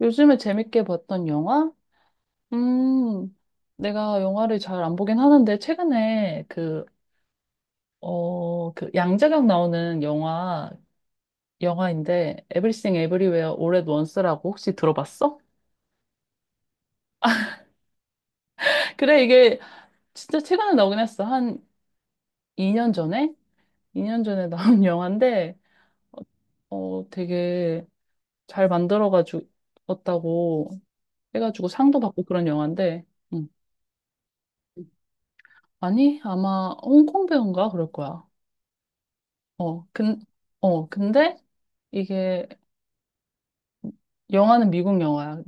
요즘에 재밌게 봤던 영화? 음, 내가 영화를 잘 안 보긴 하는데, 최근에 그 양자경 나오는 영화인데, Everything Everywhere All at Once라고 혹시 들어봤어? 그래, 이게 진짜 최근에 나오긴 했어. 한 2년 전에? 2년 전에 나온 영화인데, 되게 잘 만들어가지고, 해가지고 상도 받고 그런 영화인데, 음. 아니, 아마 홍콩 배우인가 그럴 거야. 어, 근, 근데 이게 영화는 미국 영화야.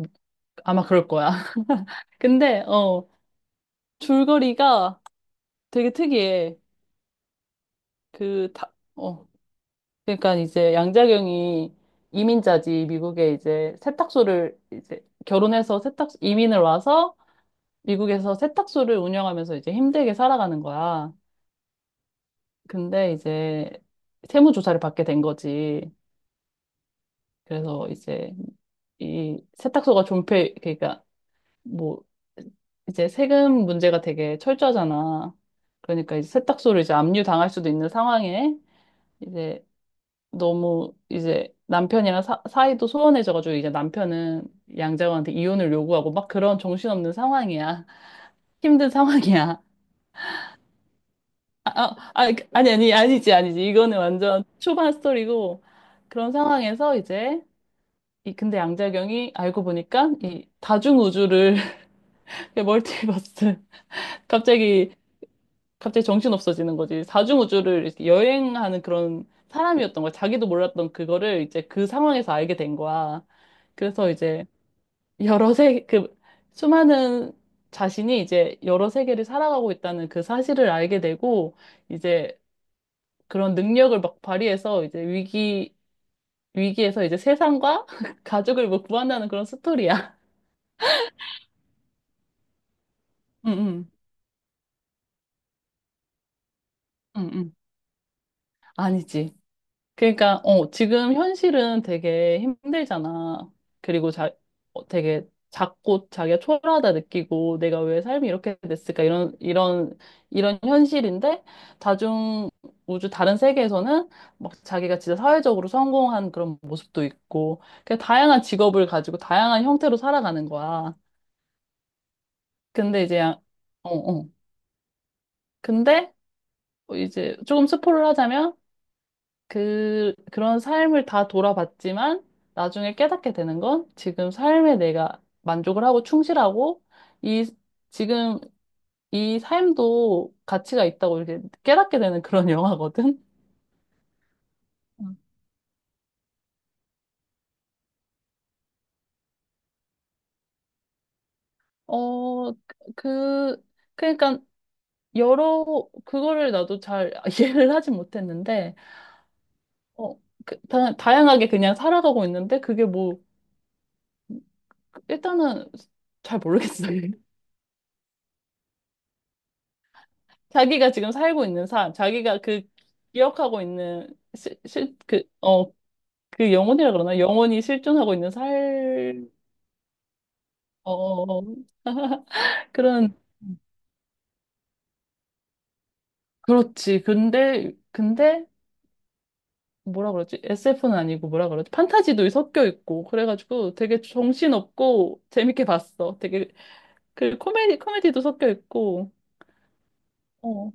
아마 그럴 거야. 근데, 줄거리가 되게 특이해. 그, 다, 어, 그러니까 이제 양자경이 이민자지, 미국에 이제 세탁소를 이제 결혼해서 이민을 와서 미국에서 세탁소를 운영하면서 이제 힘들게 살아가는 거야. 근데 이제 세무조사를 받게 된 거지. 그래서 이제 이 세탁소가 존폐, 그러니까 뭐 이제 세금 문제가 되게 철저하잖아. 그러니까 이제 세탁소를 이제 압류당할 수도 있는 상황에 이제 너무 이제 남편이랑 사이도 소원해져가지고 이제 남편은 양자호한테 이혼을 요구하고 막 그런 정신없는 상황이야. 힘든 상황이야. 아, 아, 아, 아니, 아니, 아니지, 아니지. 이거는 완전 초반 스토리고 그런 상황에서 이제 이 근데 양자경이 알고 보니까 이 다중우주를 멀티버스 갑자기 정신 없어지는 거지. 사중우주를 이렇게 여행하는 그런 사람이었던 거야. 자기도 몰랐던 그거를 이제 그 상황에서 알게 된 거야. 그래서 이제 여러 세, 그 수많은 자신이 이제 여러 세계를 살아가고 있다는 그 사실을 알게 되고 이제 그런 능력을 막 발휘해서 이제 위기에서 이제 세상과 가족을 뭐 구한다는 그런 스토리야. 응, 응, 응, 응. 아니지. 그러니까 지금 현실은 되게 힘들잖아. 그리고 자 되게 작고 자기가 초라하다 느끼고 내가 왜 삶이 이렇게 됐을까 이런 현실인데 다중 우주 다른 세계에서는 막 자기가 진짜 사회적으로 성공한 그런 모습도 있고 그 다양한 직업을 가지고 다양한 형태로 살아가는 거야. 근데 어. 근데 이제 조금 스포를 하자면 그런 삶을 다 돌아봤지만 나중에 깨닫게 되는 건 지금 삶에 내가 만족을 하고 충실하고 이, 지금 이 삶도 가치가 있다고 이렇게 깨닫게 되는 그런 영화거든. 음. 어, 그, 그러니까 여러, 그거를 나도 잘 이해를 하진 못했는데, 어, 다양하게 그냥 살아가고 있는데 그게 뭐, 일단은 잘 모르겠어요. 자기가 지금 살고 있는 삶, 자기가 그 기억하고 있는 그 영혼이라 그러나? 영혼이 실존하고 있는 살, 어, 그런, 그렇지. 근데, 뭐라 그러지? SF는 아니고 뭐라 그러지? 판타지도 섞여 있고, 그래가지고 되게 정신없고 재밌게 봤어. 그 코미디도 섞여 있고, 어,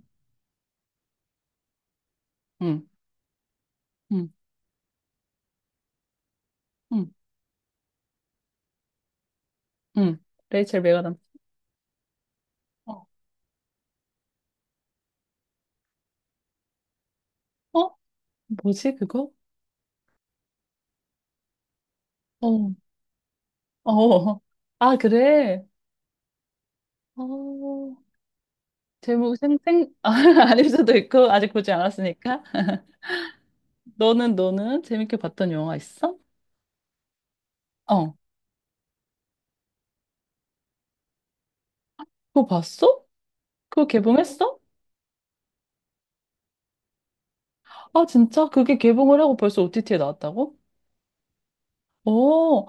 응, 응, 응, 응. 레이첼 메가담. 어, 어? 뭐지, 그거? 어, 어. 아, 그래. 어, 제목 생생, 아, 아닐 수도 있고, 아직 보지 않았으니까. 너는 재밌게 봤던 영화 있어? 어, 그거 봤어? 그거 개봉했어? 아, 진짜? 그게 개봉을 하고 벌써 OTT에 나왔다고? 어,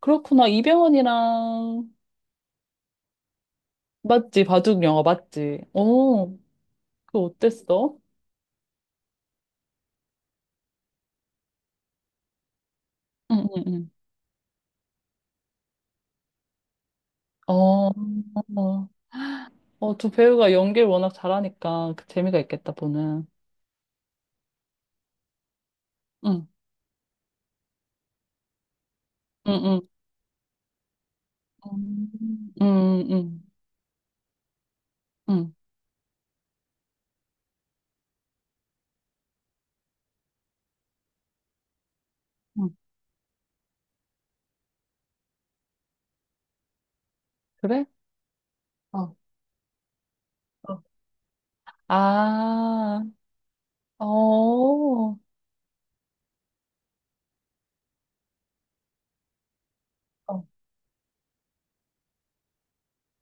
그렇구나. 이병헌이랑, 맞지? 바둑 영화 맞지? 그거 어땠어? 응, 응, 응. 어, 어, 두 배우가 연기를 워낙 잘하니까 그 재미가 있겠다, 보는. 응, 응, 응. 응, 응, 응. 응. 그래? 어. 어, 아, 어. 어.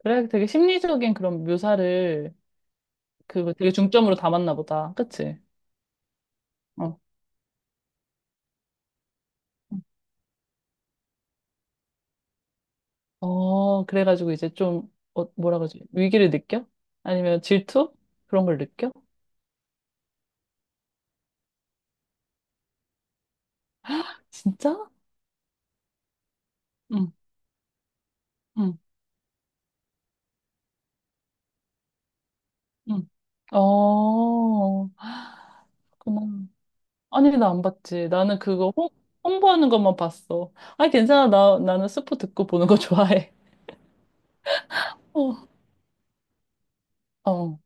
그래, 되게 심리적인 그런 묘사를 그 되게 중점으로 담았나 보다. 그치? 어. 그래가지고 이제 좀, 뭐라 그러지? 위기를 느껴? 아니면 질투? 그런 걸 느껴? 진짜? 응, 응, 응. 어, 그렇구나. 아니, 나 안 봤지. 나는 그거 홍보하는 것만 봤어. 아, 괜찮아. 나는 스포 듣고 보는 거 좋아해. 어, 어.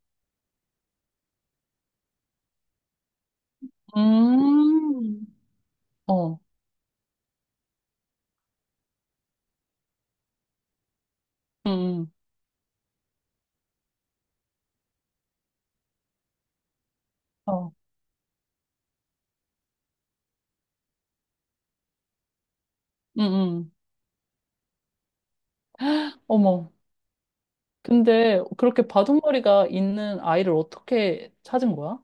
음, 어, 응, 어, 응, 응. 어머. 근데 그렇게 바둑머리가 있는 아이를 어떻게 찾은 거야?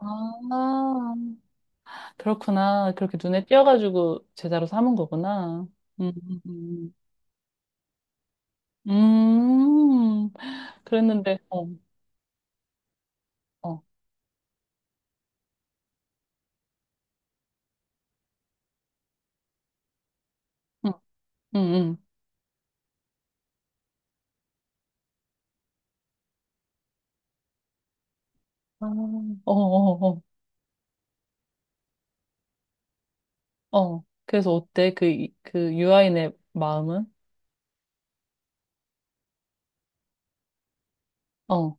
아, 그렇구나. 그렇게 눈에 띄어가지고 제자로 삼은 거구나. 음, 음, 음. 음, 그랬는데, 어, 어, 응, 응, 응. 아, 어, 어, 어, 어. 그래서 어때? 그 유아인의 마음은? 어,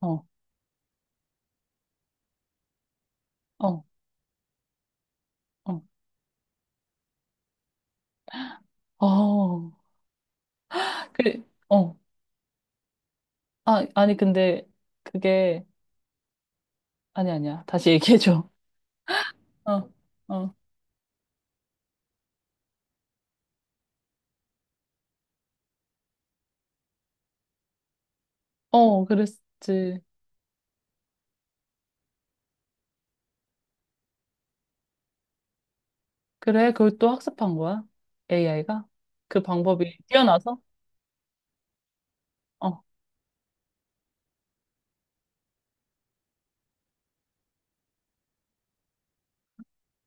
어, 어, 어, 어. 그, 어. 아, 아니, 근데 그게 아니, 아니야. 다시 얘기해줘. 어, 어, 어, 그랬지. 그래, 그걸 또 학습한 거야? AI가? 그 방법이 뛰어나서? 어,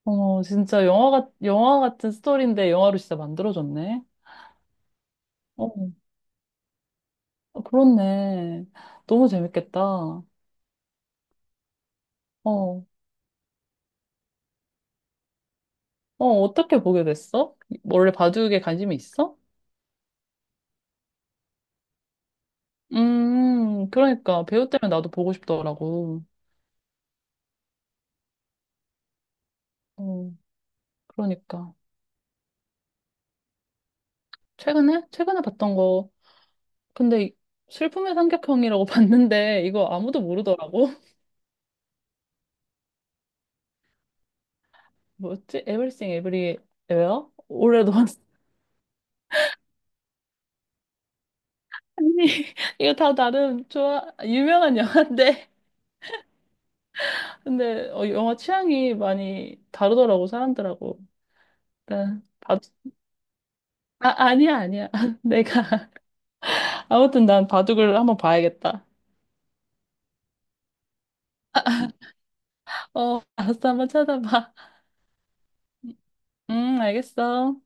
어머, 진짜 영화 같은 스토리인데 영화로 진짜 만들어졌네. 어, 어, 그렇네. 너무 재밌겠다. 어, 어, 어떻게 보게 됐어? 원래 바둑에 관심이 있어? 그러니까. 배우 때문에 나도 보고 싶더라고. 어, 그러니까. 최근에? 최근에 봤던 거. 근데 슬픔의 삼각형이라고 봤는데 이거 아무도 모르더라고. 뭐였지? Everything Everywhere? 올해도 아니 이거 다 나름 좋아 유명한 영화인데. 근데 영화 취향이 많이 다르더라고 사람들하고. 일단 바둑. 아 아니야 아니야 내가 아무튼 난 바둑을 한번 봐야겠다. 어 알았어 한번 찾아봐. 알겠어.